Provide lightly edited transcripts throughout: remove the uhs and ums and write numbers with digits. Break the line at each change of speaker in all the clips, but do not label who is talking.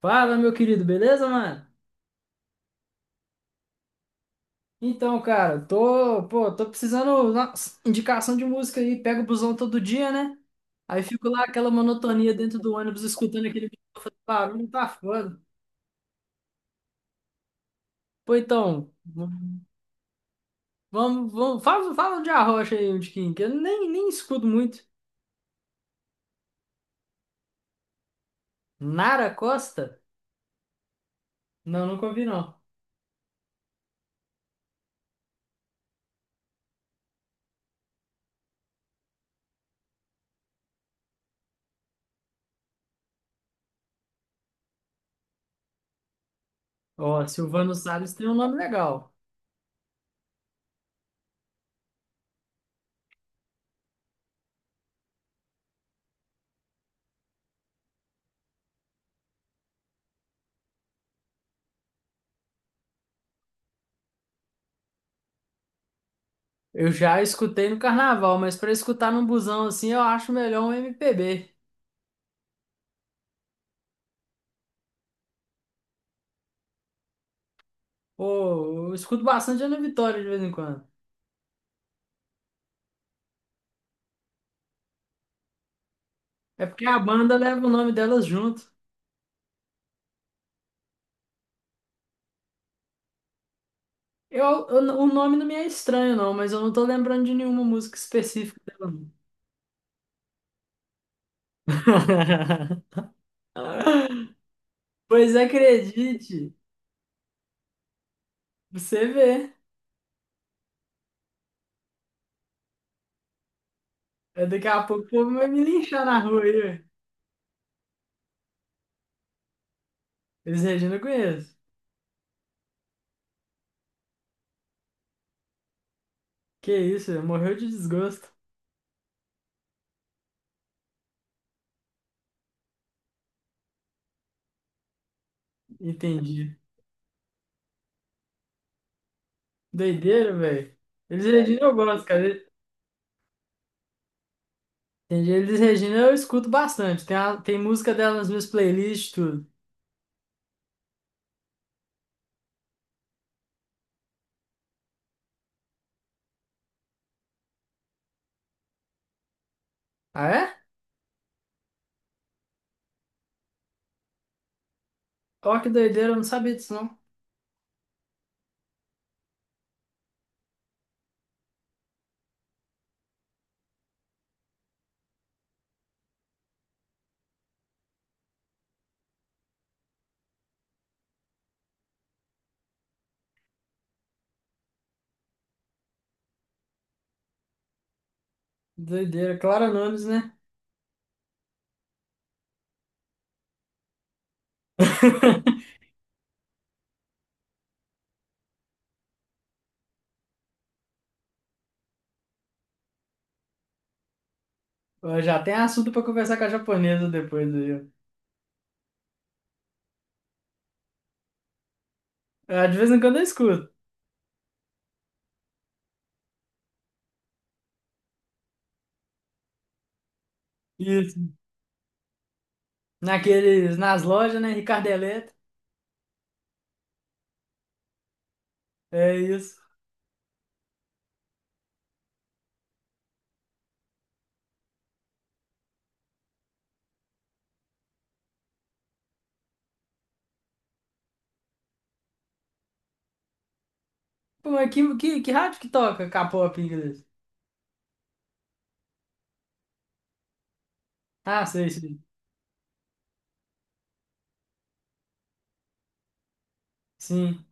Fala, meu querido, beleza, mano? Então, cara, tô precisando de uma indicação de música aí. Pego o busão todo dia, né? Aí fico lá aquela monotonia dentro do ônibus escutando aquele barulho, tá foda. Pô, então, fala de Arrocha aí, um tiquinho, que eu nem escuto muito. Nara Costa? Não, nunca ouvi, não. Ó, Silvano Salles tem um nome legal. Eu já escutei no carnaval, mas pra escutar num busão assim, eu acho melhor um MPB. Pô, eu escuto bastante Ana Vitória de vez em quando. É porque a banda leva o nome delas junto. O nome não me é estranho, não, mas eu não tô lembrando de nenhuma música específica dela, não. Pois acredite, você vê. É, daqui a pouco o povo vai me linchar na rua aí, ué. Eles Regina eu conheço. Que isso, ué, morreu de desgosto. Entendi. Doideira, velho. Eles Regina eu gosto, cara. Entendi. Eles Regina eu escuto bastante. Tem, tem música delas nas minhas playlists, e tudo. Ah, é? Ó, que doideira, eu não sabia disso, não. Doideira, Clara Nunes, né? Ó, já tem assunto pra conversar com a japonesa depois aí, ó. Ah, de vez em quando eu escuto. Isso. Naqueles, nas lojas, né? Ricardo Eletro. É isso. Pô, mas que rádio que toca K-pop em inglês? Ah, sei, sei. Sim,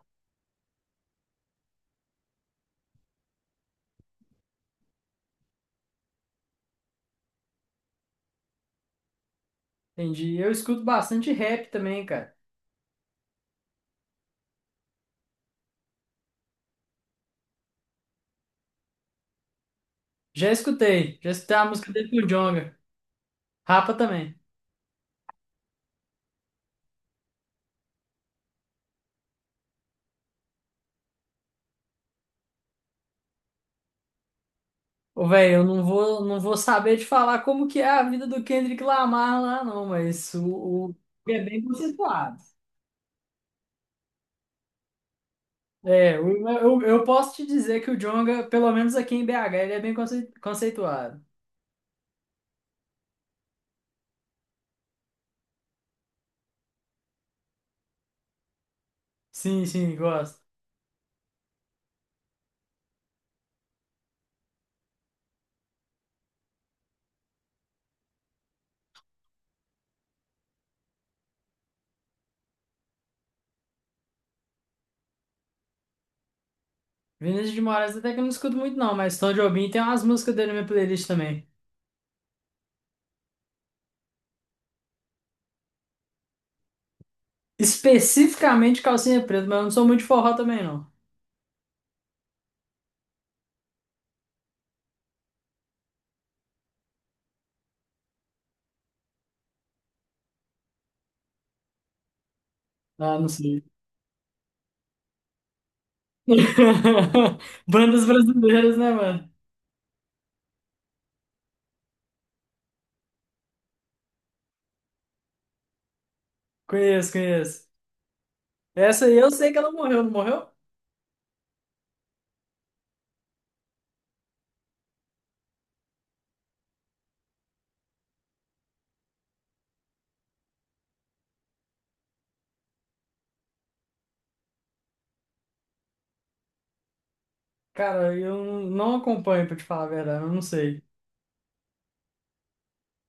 entendi. Eu escuto bastante rap também, cara. Já escutei. Já escutei a música dele com o Djonga. Rapa também. Ô, velho, eu não vou saber te falar como que é a vida do Kendrick Lamar lá, não, mas é bem conceituado. É, eu posso te dizer que o Djonga, pelo menos aqui em BH, ele é bem conceituado. Sim, sim, gosto. Vinícius de Moraes até que eu não escuto muito não, mas Tom Jobim tem umas músicas dele na minha playlist também. Especificamente Calcinha Preta, mas eu não sou muito de forró também não. Ah, não sei. Bandas brasileiras, né, mano? Conheço, conheço. Essa aí eu sei que ela morreu, não morreu? Cara, eu não acompanho, pra te falar a verdade, eu não sei.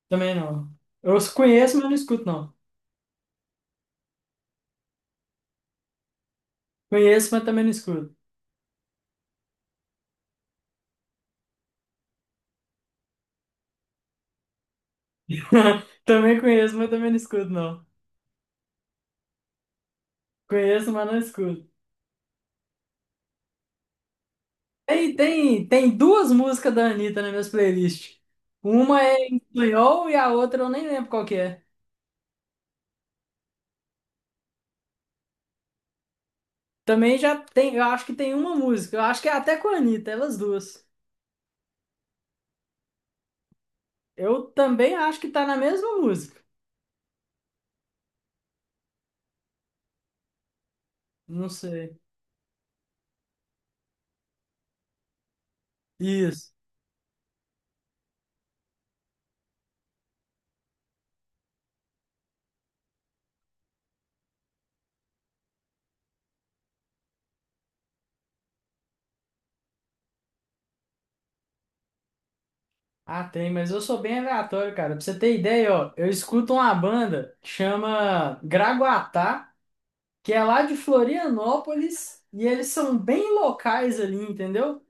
Também não. Eu os conheço, mas não escuto, não. Conheço, mas também não escuto. Também conheço, mas também não escuto, não. Conheço, mas não escuto. Tem duas músicas da Anitta nas minhas playlists. Uma é em espanhol e a outra eu nem lembro qual que é. Também já tem, eu acho que tem uma música. Eu acho que é até com a Anitta, elas duas. Eu também acho que tá na mesma música. Não sei. Isso. Ah, tem, mas eu sou bem aleatório, cara. Pra você ter ideia, ó, eu escuto uma banda que chama Gragoatá, que é lá de Florianópolis, e eles são bem locais ali, entendeu?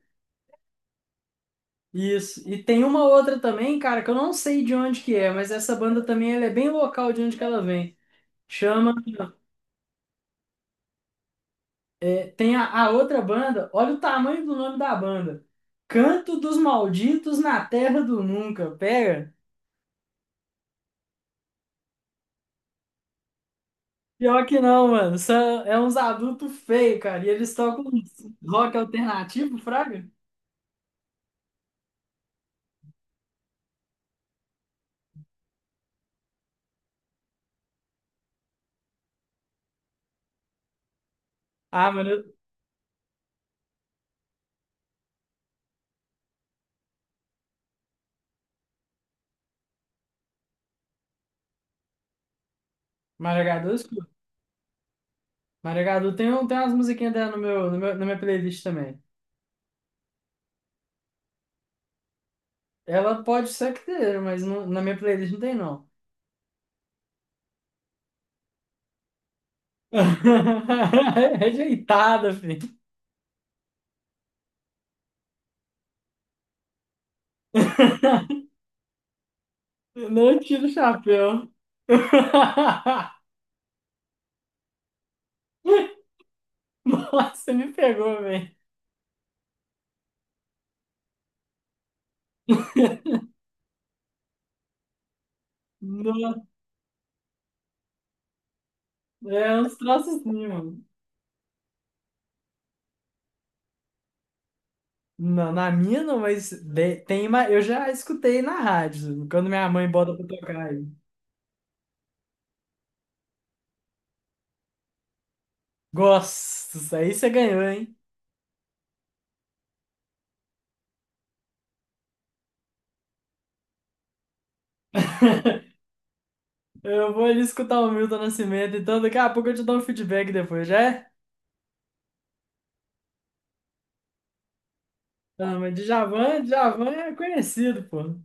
Isso. E tem uma outra também, cara, que eu não sei de onde que é, mas essa banda também ela é bem local de onde que ela vem. Chama, é, tem a outra banda, olha o tamanho do nome da banda. Canto dos Malditos na Terra do Nunca, pega. Pior que não, mano. São, é uns adultos feios, cara. E eles tocam uns rock alternativo, fraga? Ah, mano, Maragadu, eu escuto. Tem umas musiquinhas dela no meu, no meu- na minha playlist também. Ela pode ser que tenha, na minha playlist não tem, não. Rejeitada, filho. Não tiro o chapéu. Nossa, você me pegou, velho. No- É uns troços assim, mano. Não, na minha não, mas tem uma, eu já escutei na rádio, quando minha mãe bota pra tocar, aí. Gosto, isso aí você ganhou, hein? Eu vou ali escutar o Milton Nascimento, então daqui a pouco eu te dou um feedback depois, já é? Ah, mas Djavan, Djavan é conhecido, pô.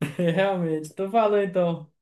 Realmente, tô falando então.